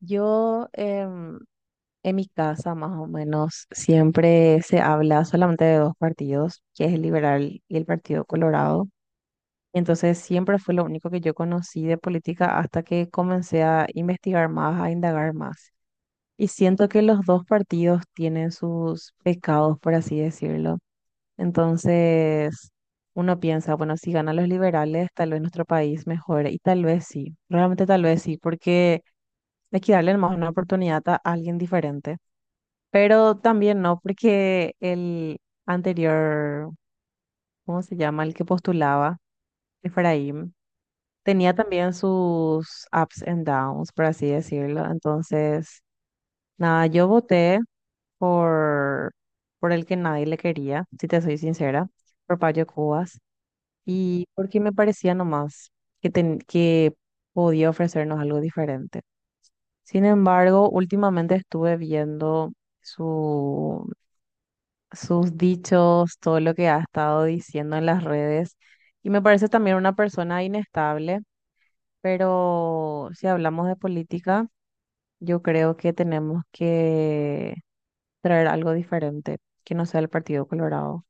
Yo em, en mi casa más o menos siempre se habla solamente de dos partidos, que es el Liberal y el Partido Colorado. Entonces siempre fue lo único que yo conocí de política hasta que comencé a investigar más, a indagar más. Y siento que los dos partidos tienen sus pecados, por así decirlo. Entonces uno piensa, bueno, si ganan los liberales, tal vez nuestro país mejore. Y tal vez sí, realmente tal vez sí, porque de que darle más una oportunidad a alguien diferente. Pero también no, porque el anterior, ¿cómo se llama? El que postulaba, Efraín, tenía también sus ups and downs, por así decirlo. Entonces, nada, yo voté por, por el que nadie le quería, si te soy sincera, por Payo Cubas, y porque me parecía nomás que podía ofrecernos algo diferente. Sin embargo, últimamente estuve viendo su, sus dichos, todo lo que ha estado diciendo en las redes, y me parece también una persona inestable, pero si hablamos de política, yo creo que tenemos que traer algo diferente, que no sea el Partido Colorado.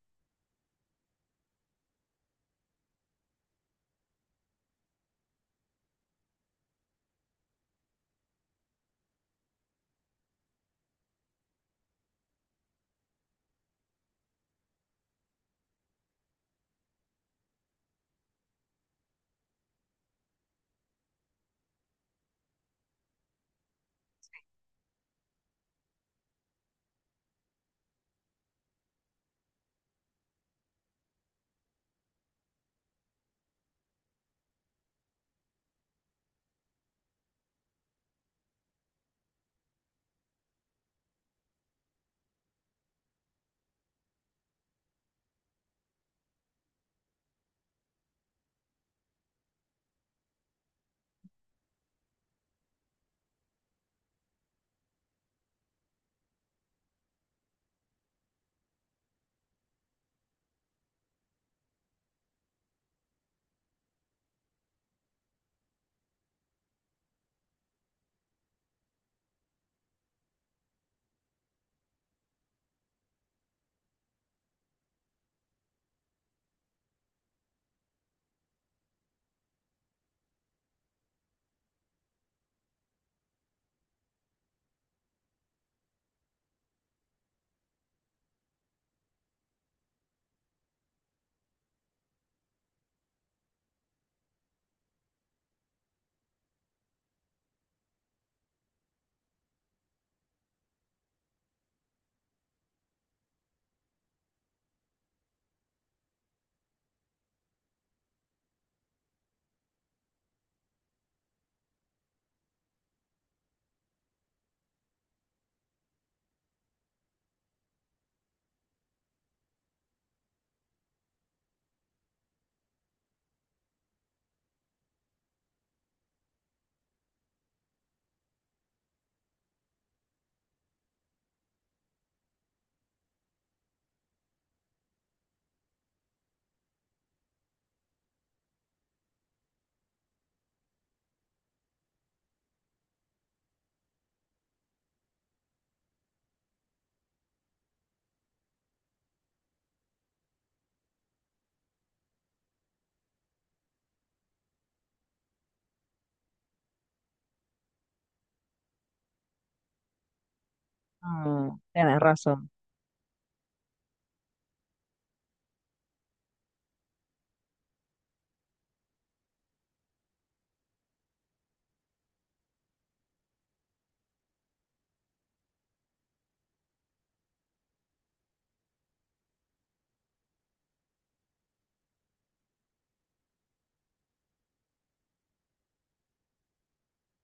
Mm, tenés razón.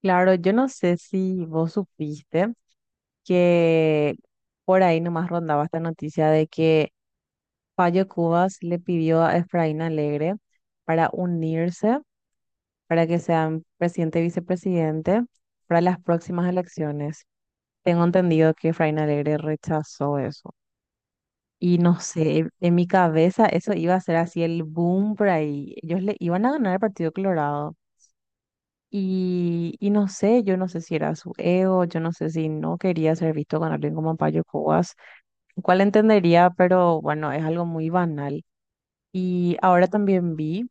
Claro, yo no sé si vos supiste que por ahí nomás rondaba esta noticia de que Payo Cubas le pidió a Efraín Alegre para unirse, para que sean presidente y vicepresidente para las próximas elecciones. Tengo entendido que Efraín Alegre rechazó eso. Y no sé, en mi cabeza eso iba a ser así el boom por ahí. Ellos le iban a ganar el Partido Colorado. Y no sé, yo no sé si era su ego, yo no sé si no quería ser visto con alguien como Payo Cubas, lo cual entendería, pero bueno, es algo muy banal. Y ahora también vi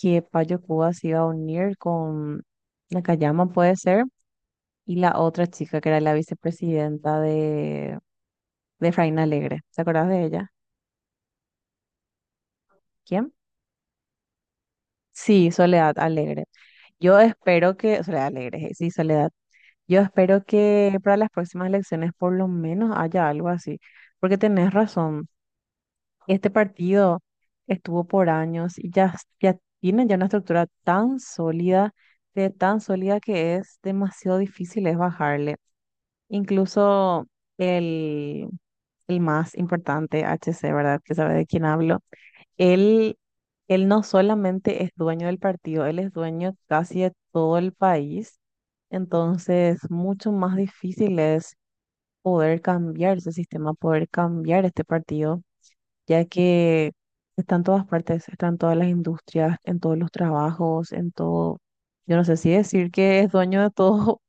que Payo Cuba se iba a unir con Nakayama, puede ser, y la otra chica que era la vicepresidenta de Efraín Alegre. ¿Te acordás de ella? ¿Quién? Sí, Soledad Alegre. Yo espero que, Soledad Alegre, sí, Soledad. Yo espero que para las próximas elecciones por lo menos haya algo así, porque tenés razón. Este partido estuvo por años y ya, ya tiene ya una estructura tan sólida, de tan sólida que es demasiado difícil es bajarle. Incluso el, el más importante, H C, ¿verdad? Que sabe de quién hablo. Él, él no solamente es dueño del partido, él es dueño casi de todo el país. Entonces, mucho más difícil es poder cambiar ese sistema, poder cambiar este partido, ya que está en todas partes, está en todas las industrias, en todos los trabajos, en todo. Yo no sé si decir que es dueño de todo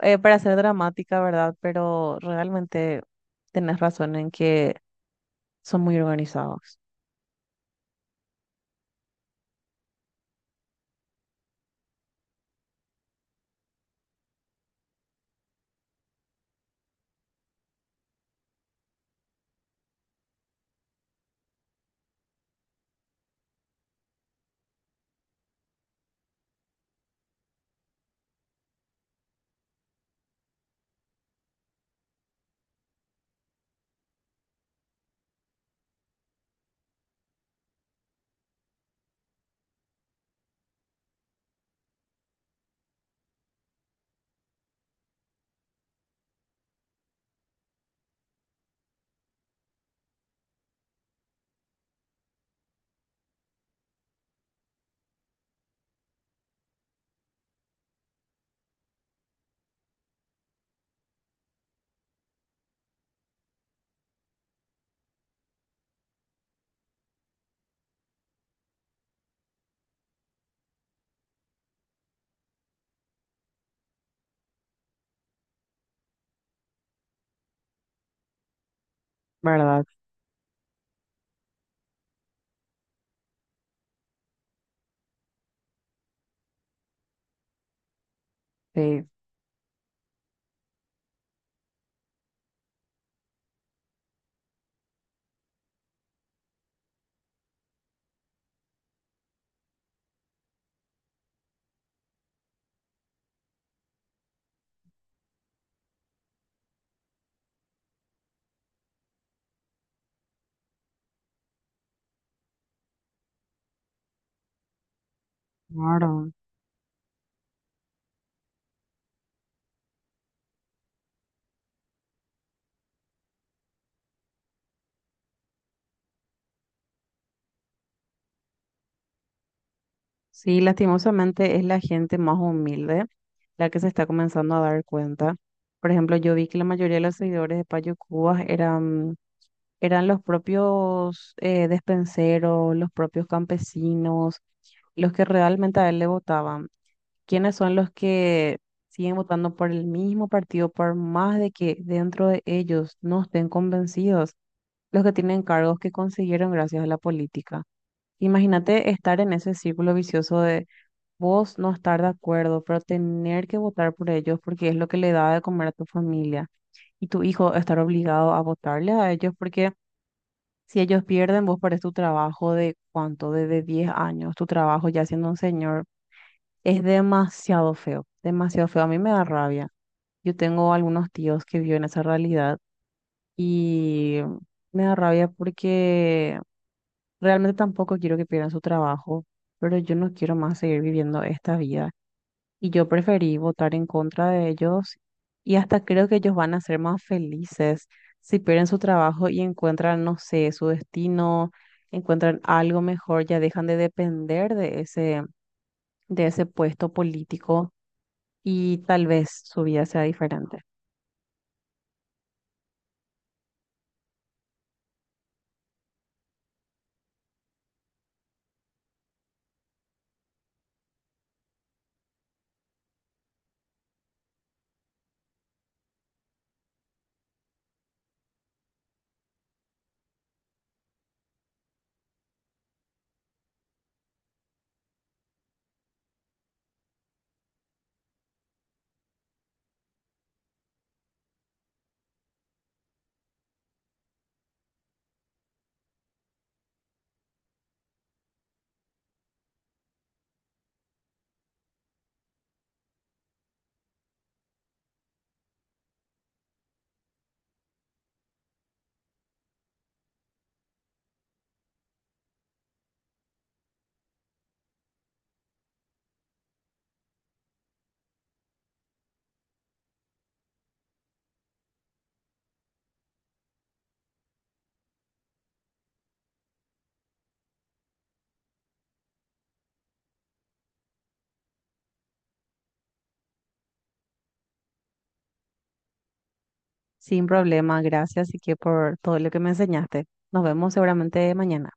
para ser dramática, ¿verdad? Pero realmente tenés razón en que son muy organizados. ¿Verdad? Sí, claro. Sí, lastimosamente es la gente más humilde la que se está comenzando a dar cuenta. Por ejemplo, yo vi que la mayoría de los seguidores de Payo Cubas eran los propios despenseros, los propios campesinos, los que realmente a él le votaban. ¿Quiénes son los que siguen votando por el mismo partido, por más de que dentro de ellos no estén convencidos los que tienen cargos que consiguieron gracias a la política? Imagínate estar en ese círculo vicioso de vos no estar de acuerdo, pero tener que votar por ellos porque es lo que le da de comer a tu familia y tu hijo estar obligado a votarle a ellos porque si ellos pierden, vos perdés tu trabajo de cuánto, de 10 años, tu trabajo ya siendo un señor es demasiado feo, demasiado feo. A mí me da rabia. Yo tengo algunos tíos que viven esa realidad y me da rabia porque realmente tampoco quiero que pierdan su trabajo, pero yo no quiero más seguir viviendo esta vida. Y yo preferí votar en contra de ellos y hasta creo que ellos van a ser más felices si pierden su trabajo y encuentran, no sé, su destino, encuentran algo mejor, ya dejan de depender de ese puesto político y tal vez su vida sea diferente. Sin problema, gracias y que por todo lo que me enseñaste. Nos vemos seguramente mañana.